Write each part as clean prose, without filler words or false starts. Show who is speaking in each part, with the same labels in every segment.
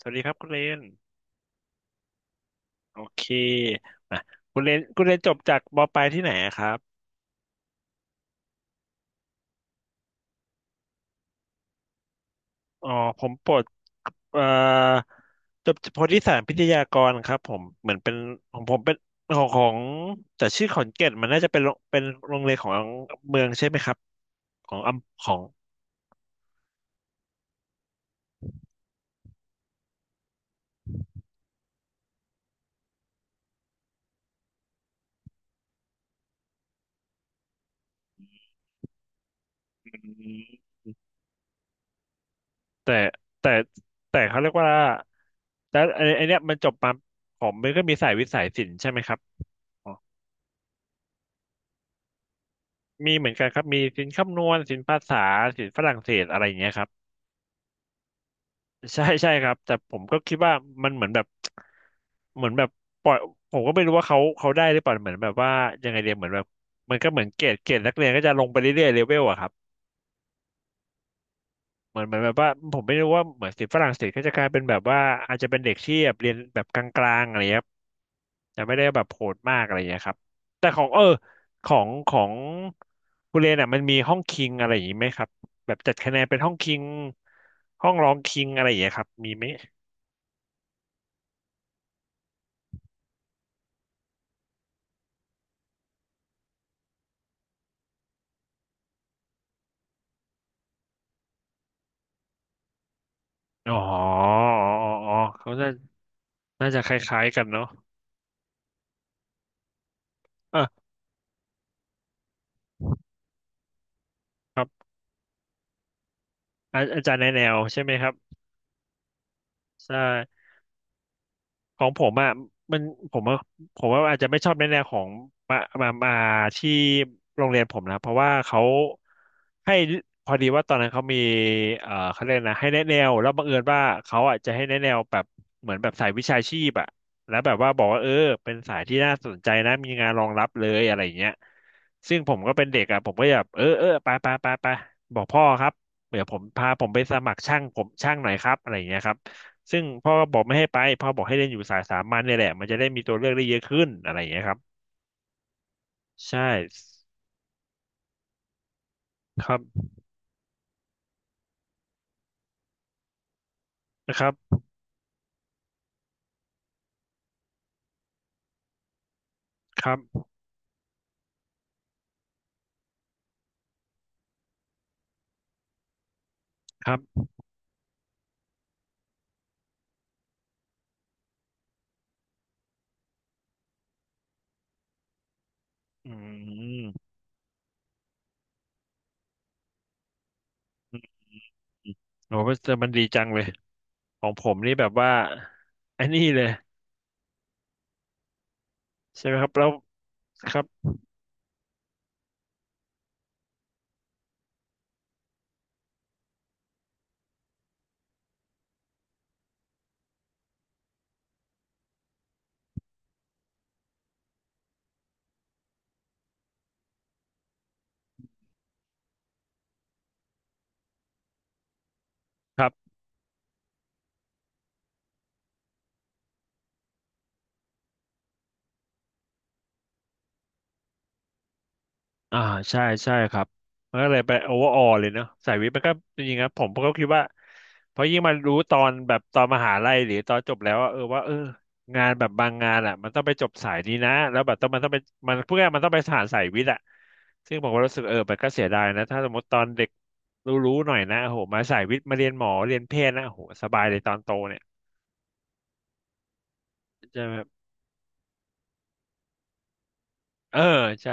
Speaker 1: สวัสดีครับคุณเรนโอเคอ่ะคุณเรนจบจากมปลายที่ไหนอะครับอ๋อผมปลดเอ่อจบโพธิสารพิทยากรครับผมเหมือนเป็นของผมเป็นของแต่ชื่อขอนแก่นมันน่าจะเป็นโรงเรียนของเมืองใช่ไหมครับของอำของอืมแต่แต่แต่เขาเรียกว่าแล้วไอ้เนี้ยมันจบมาผมมันก็มีสายวิทย์สัยศิลป์ใช่ไหมครับอ๋อมีเหมือนกันครับมีศิลป์คำนวณศิลป์ภาษาศิลป์ฝรั่งเศสอะไรอย่างเงี้ยครับ ใช่ใช่ครับแต่ผมก็คิดว่ามันเหมือนแบบเหมือนแบบปล่อยผมก็ไม่รู้ว่าเขาได้หรือเปล่าเหมือนแบบว่ายังไงเดียเหมือนแบบมันก็เหมือนเกรดเกรดนักเรียนก็จะลงไปเรื่อยๆเลเวลอะครับเหมือนแบบว่าผมไม่รู้ว่าเหมือนศิษย์ฝรั่งเศสก็จะกลายเป็นแบบว่าอาจจะเป็นเด็กที่แบบเรียนแบบกลางๆอะไรเงี้ยครับแต่ไม่ได้แบบโหดมากอะไรอย่างเงี้ยครับแต่ของเออของคุณเรนอ่ะมันมีห้องคิงอะไรอย่างงี้ไหมครับแบบจัดคะแนนเป็นห้องคิงห้องรองคิงอะไรอย่างเงี้ยครับมีไหม อ๋ออ๋ออ๋อ เขาน่าจะคล้ายๆกันเนาะอ่ะอาจารย์ในแนวใช่ไหมครับใช่ ของผมอ่ะมันผมว่าผมว่าอาจจะไม่ชอบในแนวของมามาที่โรงเรียนผมนะเพราะว่าเขาให้พอดีว่าตอนนั้นเขามีเขาเรียกนะให้แนะแนวแล้วบังเอิญว่าเขาอ่ะจะให้แนะแนวแบบเหมือนแบบสายวิชาชีพอ่ะแล้วแบบว่าบอกว่าเออเป็นสายที่น่าสนใจนะมีงานรองรับเลยอะไรอย่างเงี้ยซึ่งผมก็เป็นเด็กอ่ะผมก็แบบเออเออไปไปไปไปบอกพ่อครับเดี๋ยวผมพาผมไปสมัครช่างผมช่างหน่อยครับอะไรอย่างเงี้ยครับ ซึ่งพ่อก็บอกไม่ให้ไปพ่อบอกให้เล่นอยู่สายสามัญเนี่ยแหละมันจะได้มีตัวเลือกได้เยอะขึ้นอะไรอย่างเงี้ยครับใช่ครับนะครับครับครับอืมอืมโอ้แต่มันดีจังเลยของผมนี่แบบว่าไอ้นี่เลยใช่ไหมครับแล้วครับครับ อ่าใช่ใช่ครับมันก็เลยไปโอเวอร์ออลเลยเนาะสายวิทย์มันก็จริงๆนะผมก็คิดว่าเพราะยิ่งมารู้ตอนแบบตอนมหาลัยหรือตอนจบแล้วว่าเออว่าเอองานแบบบางงานอ่ะมันต้องไปจบสายนี้นะแล้วแบบต้องมันต้องไปมันพวกนี้มันต้องไปสานสายวิทย์อ่ะซึ่งผมก็รู้สึกเออมันก็เสียดายนะถ้าสมมติตอนเด็กรู้ๆหน่อยนะโอ้โหมาสายวิทย์มาเรียนหมอเรียนแพทย์นะโอ้โหสบายเลยตอนโตเนี่ยใช่ไหมเออใช่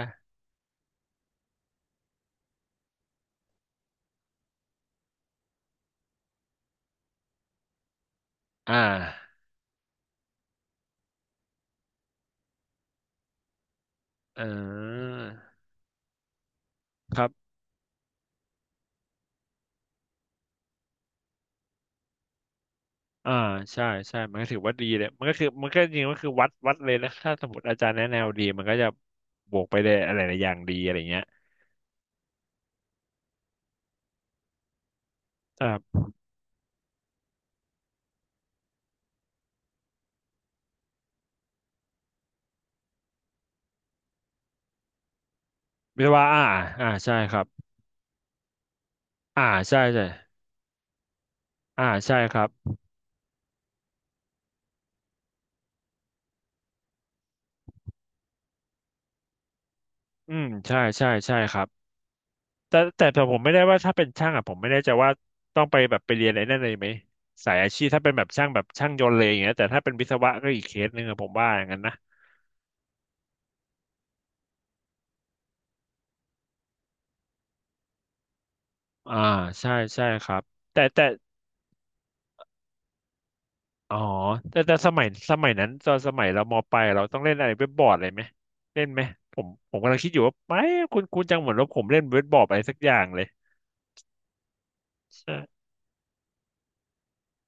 Speaker 1: อ่าเออครับ อ่าใช่ใช่มันก็ถือว่าดีเลยมันก็คือมันก็จริงๆก็คือวัดเลยนะถ้าสมมติอาจารย์แนะแนวดีมันก็จะบวกไปได้อะไรหลายอย่างดีอะไรเงี้ยครับวิศวะอ่าอ่าใช่ครับอ่าใช่ใช่อ่าใช่ครับอืมใช่ใช่ใช่ครับแต่ผมไม่ได้ว่าถ้าเป็นช่างอ่ะผมไม่แน่ใจว่าต้องไปแบบไปเรียนอะไรนั่นเลยไหมสายอาชีพถ้าเป็นแบบช่างแบบช่างยนต์เลยอย่างเงี้ยแต่ถ้าเป็นวิศวะก็อีกเคสหนึ่งอะผมว่าอย่างนั้นนะอ่าใช่ใช่ครับแต่แต่ อ๋อแต่แต่สมัยนั้นตอนสมัยเรามปลายเราต้องเล่นอะไรเว็บบอร์ดอะไรไหมเล่นไหมผมกำลังคิดอยู่ว่าไม่คุณจังเหมือนว่าผมเล่นเว็บบอร์ดอะไรสักอย่างเลยใช่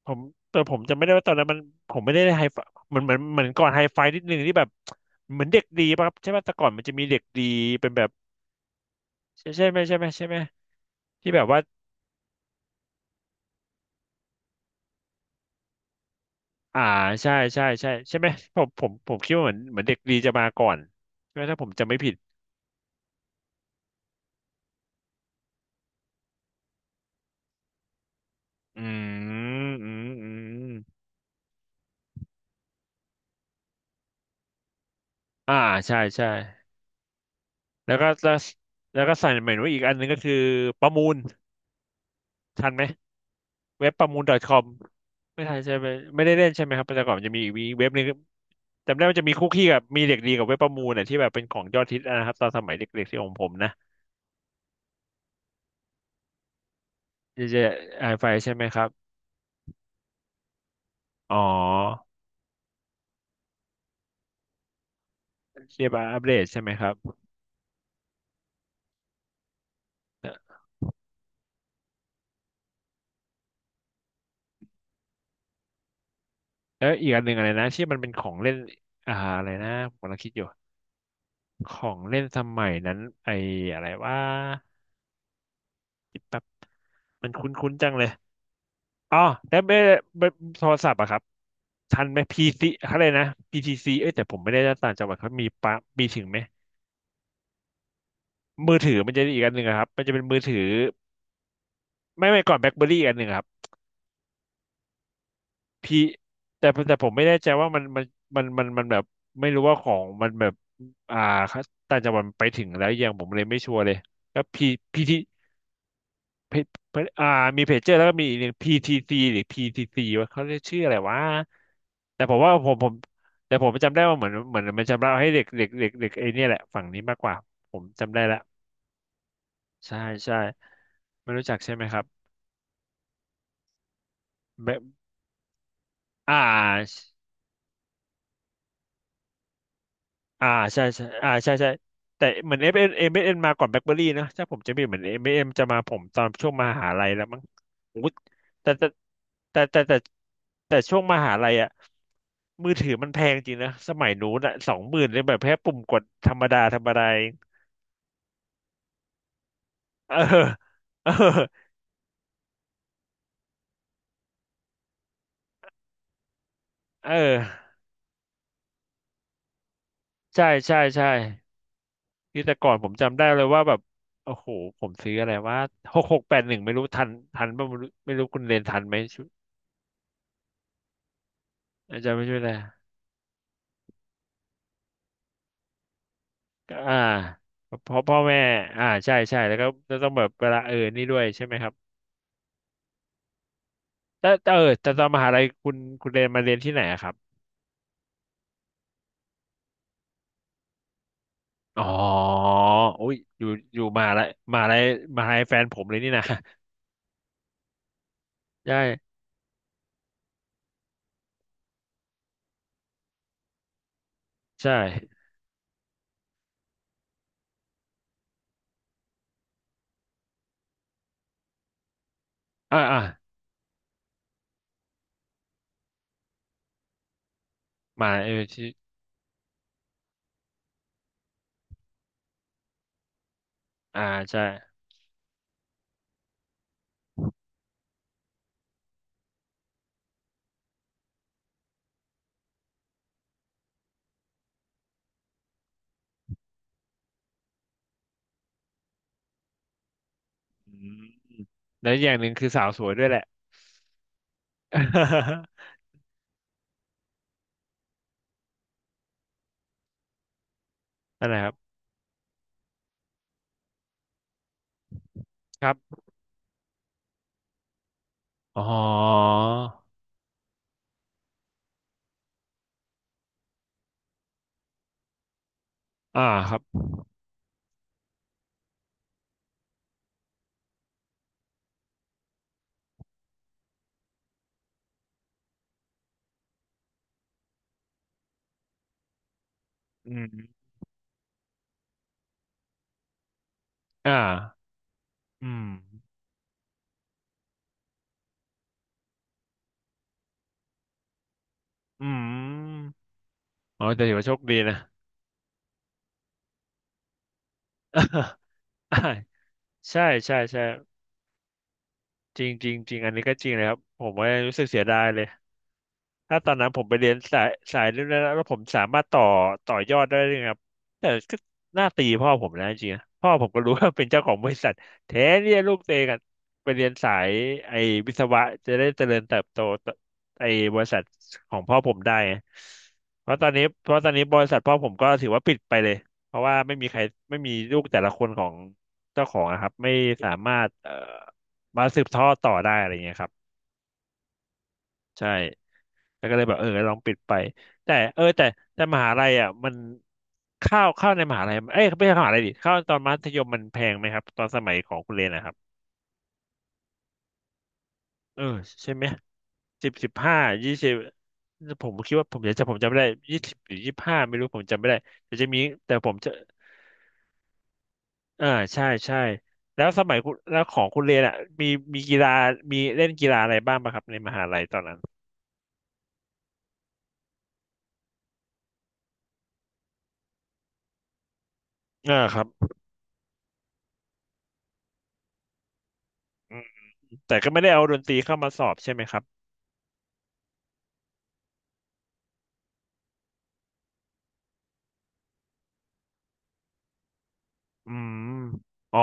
Speaker 1: ผมแต่ผมจำไม่ได้ว่าตอนนั้นมันผมไม่ได้ไฮไฟเมันเหมือนก่อนไฮไฟนิดนึงที่แบบเหมือนเด็กดีป่ะครับใช่ป่ะแต่ก่อนมันจะมีเด็กดีเป็นแบบใช่ใช่ไหมใช่ไหมใช่ไหมที่แบบว่าอ่าใช่ใช่ใช่ใช่ไหมผมคิดว่าเหมือนเด็กดีจะมาก่อนใช่ไหมถ้าผมจำไม่ผิดอืมอืมอืมอ่าใช่ใช่ แล้วก็แล้วแล้วก็สั่งเหมือนว่าอีกอันหนึงก็คือประมูลทันไหมเว็บประมูล .com ไม่ทันใช่ไหมไม่ได้เล่นใช่ไหมครับแต่ก่อนมันจะมีอีกเว็บหนึงจำได้ว่าจะมีคุกกี้กับมีเด็กดีกับเว็บประมูลเนี่ยที่แบบเป็นของยอดฮิตนะครับตอนสมัยเด็กๆที่ของผมนะจะไอไฟใช่ไหมครับอ๋อเรียกว่าอัปเดตใช่ไหมครับแล้วอีกอันหนึ่งอะไรนะที่มันเป็นของเล่นอะไรนะผมกำลังคิดอยู่ของเล่นสมัยนั้นไออะไรว่าแป๊บมันคุ้นๆจังเลย อ๋อแล้วไม่โทรศัพท์อะครับทันไหม PC อะไรนะ PTC เอ้ยแต่ผมไม่ได้ต่างจังหวัดเขามีปะมีถึงไหมมือถือมันจะอีกอันหนึ่งอะครับมันจะเป็นมือถือไม่ก่อนแบล็คเบอรี่อีกอันหนึ่งอะครับพี่แต่ผมไม่แน่ใจว่ามันมันแบบไม่รู้ว่าของมันแบบอ่าต่างจังหวัดมันไปถึงแล้วยังผมเลยไม่ชัวร์เลยแล้ว P PT เพอ่ามีเพจเจอร์แล้วก็มีอีกหนึ่ง PTC หรือ PTC ว่าเขาเรียกชื่ออะไรวะแต่ผมว่าผมแต่ผมจำได้ว่าเหมือนมันจำเราให้เด็กเด็กเด็กเด็กไอ้เนี่ยแหละฝั่งนี้มากกว่าผมจำได้ละใช่ใช่ไม่รู้จักใช่ไหมครับแบบอ่า อ่าใช่ใช่อ่าใช่ใช่แต่เหมือนเอฟมเอ็มเอ็มเอ็มมาก่อนแบล็คเบอรี่นะถ้าผมจะไม่ผิดเหมือนเอ็มเอ็มจะมาผมตอนช่วงมหาลัยแล้วมั้งโอ้โหแต่แต่แต่แต่ช่วงมหาลัยอะมือถือมันแพงจริงนะสมัยนู้นอะสองหมื่นเลยแบบแค่ปุ่มกดธรรมดาเองเออเออเออใช่ใช่ใช่ที่แต่ก่อนผมจำได้เลยว่าแบบโอ้โหผมซื้ออะไรว่าหกแปดหนึ่งไม่รู้ทันป่ะไม่รู้คุณเรนทันไหมชุดอาจารย์ไม่ช่วยแล อ่าเพราะพ่อแม่ใช่ใช่แล้วก็จะต้องแบบเวลาเออนี่ด้วยใช่ไหมครับแต่เออแต่ตอนมหาลัยคุณเรียนมาเรียนที่ไหนอะครับอ๋ออุ้ยอยู่อยู่มหาลัยมหาลัยมหาลัยแฟนผมเลยนี่นะ ใช่ใช่อ่ามาเออที่อ่าใช่อืมแล้วอย่างหนึ่งคือสาวสวยด้วยแหละ นั่นแหละครับครับอ๋ออ่าครับอืมอ่าอืมอืมอ๋อแต่ถือว่าโชคดีนะ อ่าใช่ใช่ใช่จริงจริงจริงอันนี้ก็จริงเลยครับผมว่ารู้สึกเสียดายเลย ถ้าตอนนั้นผมไปเรียนสายเรื่องนั้นแล้วแล้วผมสามารถต่อยอดได้ด้วยครับแต่ก็น่าตีพ่อผมนะจริงๆนะพ่อผมก็รู้ว่าเป็นเจ้าของบริษัทแท้เนี่ยลูกเตะกันไปเรียนสายไอ้วิศวะจะได้เจริญเติบโตต่อไอ้บริษัทของพ่อผมได้เพราะตอนนี้เพราะตอนนี้บริษัทพ่อผมก็ถือว่าปิดไปเลยเพราะว่าไม่มีใครไม่มีลูกแต่ละคนของเจ้าของนะครับไม่สามารถมาสืบทอดต่อได้อะไรเงี้ยครับใช่ แล้วก็เลยแบบเออลองปิดไปแต่เออแต่มหาลัยอ่ะมันข้าวในมหาลัยเอ้ยไม่ใช่มหาลัยดิข้าวตอนมัธยมมันแพงไหมครับตอนสมัยของคุณเรนนะครับเออใช่ไหมสิบห้ายี่สิบผมคิดว่าผมจะจะผมจำไม่ได้ยี่สิบหรือยี่สิบห้าไม่รู้ผมจำไม่ได้แต่จะมีแต่ผมจะอ่าใช่ใช่แล้วสมัยคุณแล้วของคุณเรยนอ่ะมีมีกีฬามีเล่นกีฬาอะไรบ้างปะครับในมหาลัยตอนนั้นอ่าครับอืมแต่ก็ไม่ได้เอาดนตรีเข้ามาสอบใช่ไหมครับอืมอ๋อ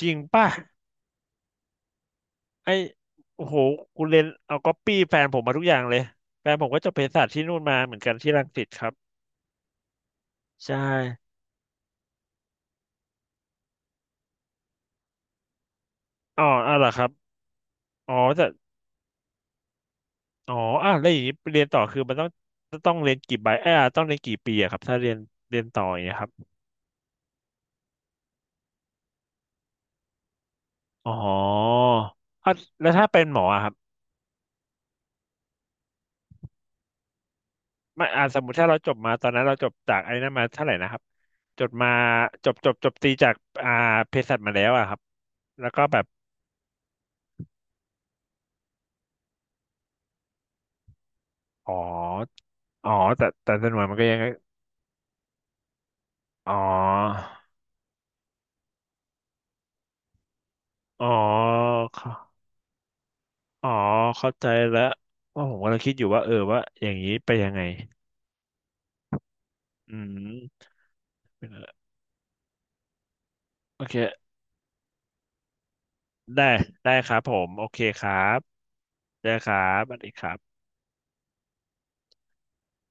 Speaker 1: จริงป่ะไอโอ้โหกูเรียนเอาก๊อปปี้แฟนผมมาทุกอย่างเลยแฟนผมก็จบเภสัชที่นู่นมาเหมือนกันที่รังสิตครับใช่อ๋อเหรอครับอ๋อแต่อ๋ออ่ะแล้วอย่างนี้เรียนต่อคือมันต้องต้องเรียนกี่ใบเอ้ยอ่ะต้องเรียนกี่ปีอะครับถ้าเรียนเรียนต่ออย่างเงี้ยครับอ๋ออ่ะแล้วถ้าเป็นหมออะครับไม่อ่ะสมมติถ้าเราจบมาตอนนั้นเราจบจากไอ้นั่นมาเท่าไหร่นะครับจบมาจบจบตีจากอ่าเภสัชมาแล้วอะครับแล้วก็แบบอ๋ออ๋อแต่แต่จำนวนใหญ่มันก็ยัง อ๋อ อ๋อเข้าอ๋อ เข้าใจแล้วว่าะผมกำลังคิดอยู่ว่า เออว่าอย่างนี้ไปยังไง อืมเป็นอะไรโอเค ได้ ได้ครับผม โอเคครับ ได้ครับสวัสดีครับ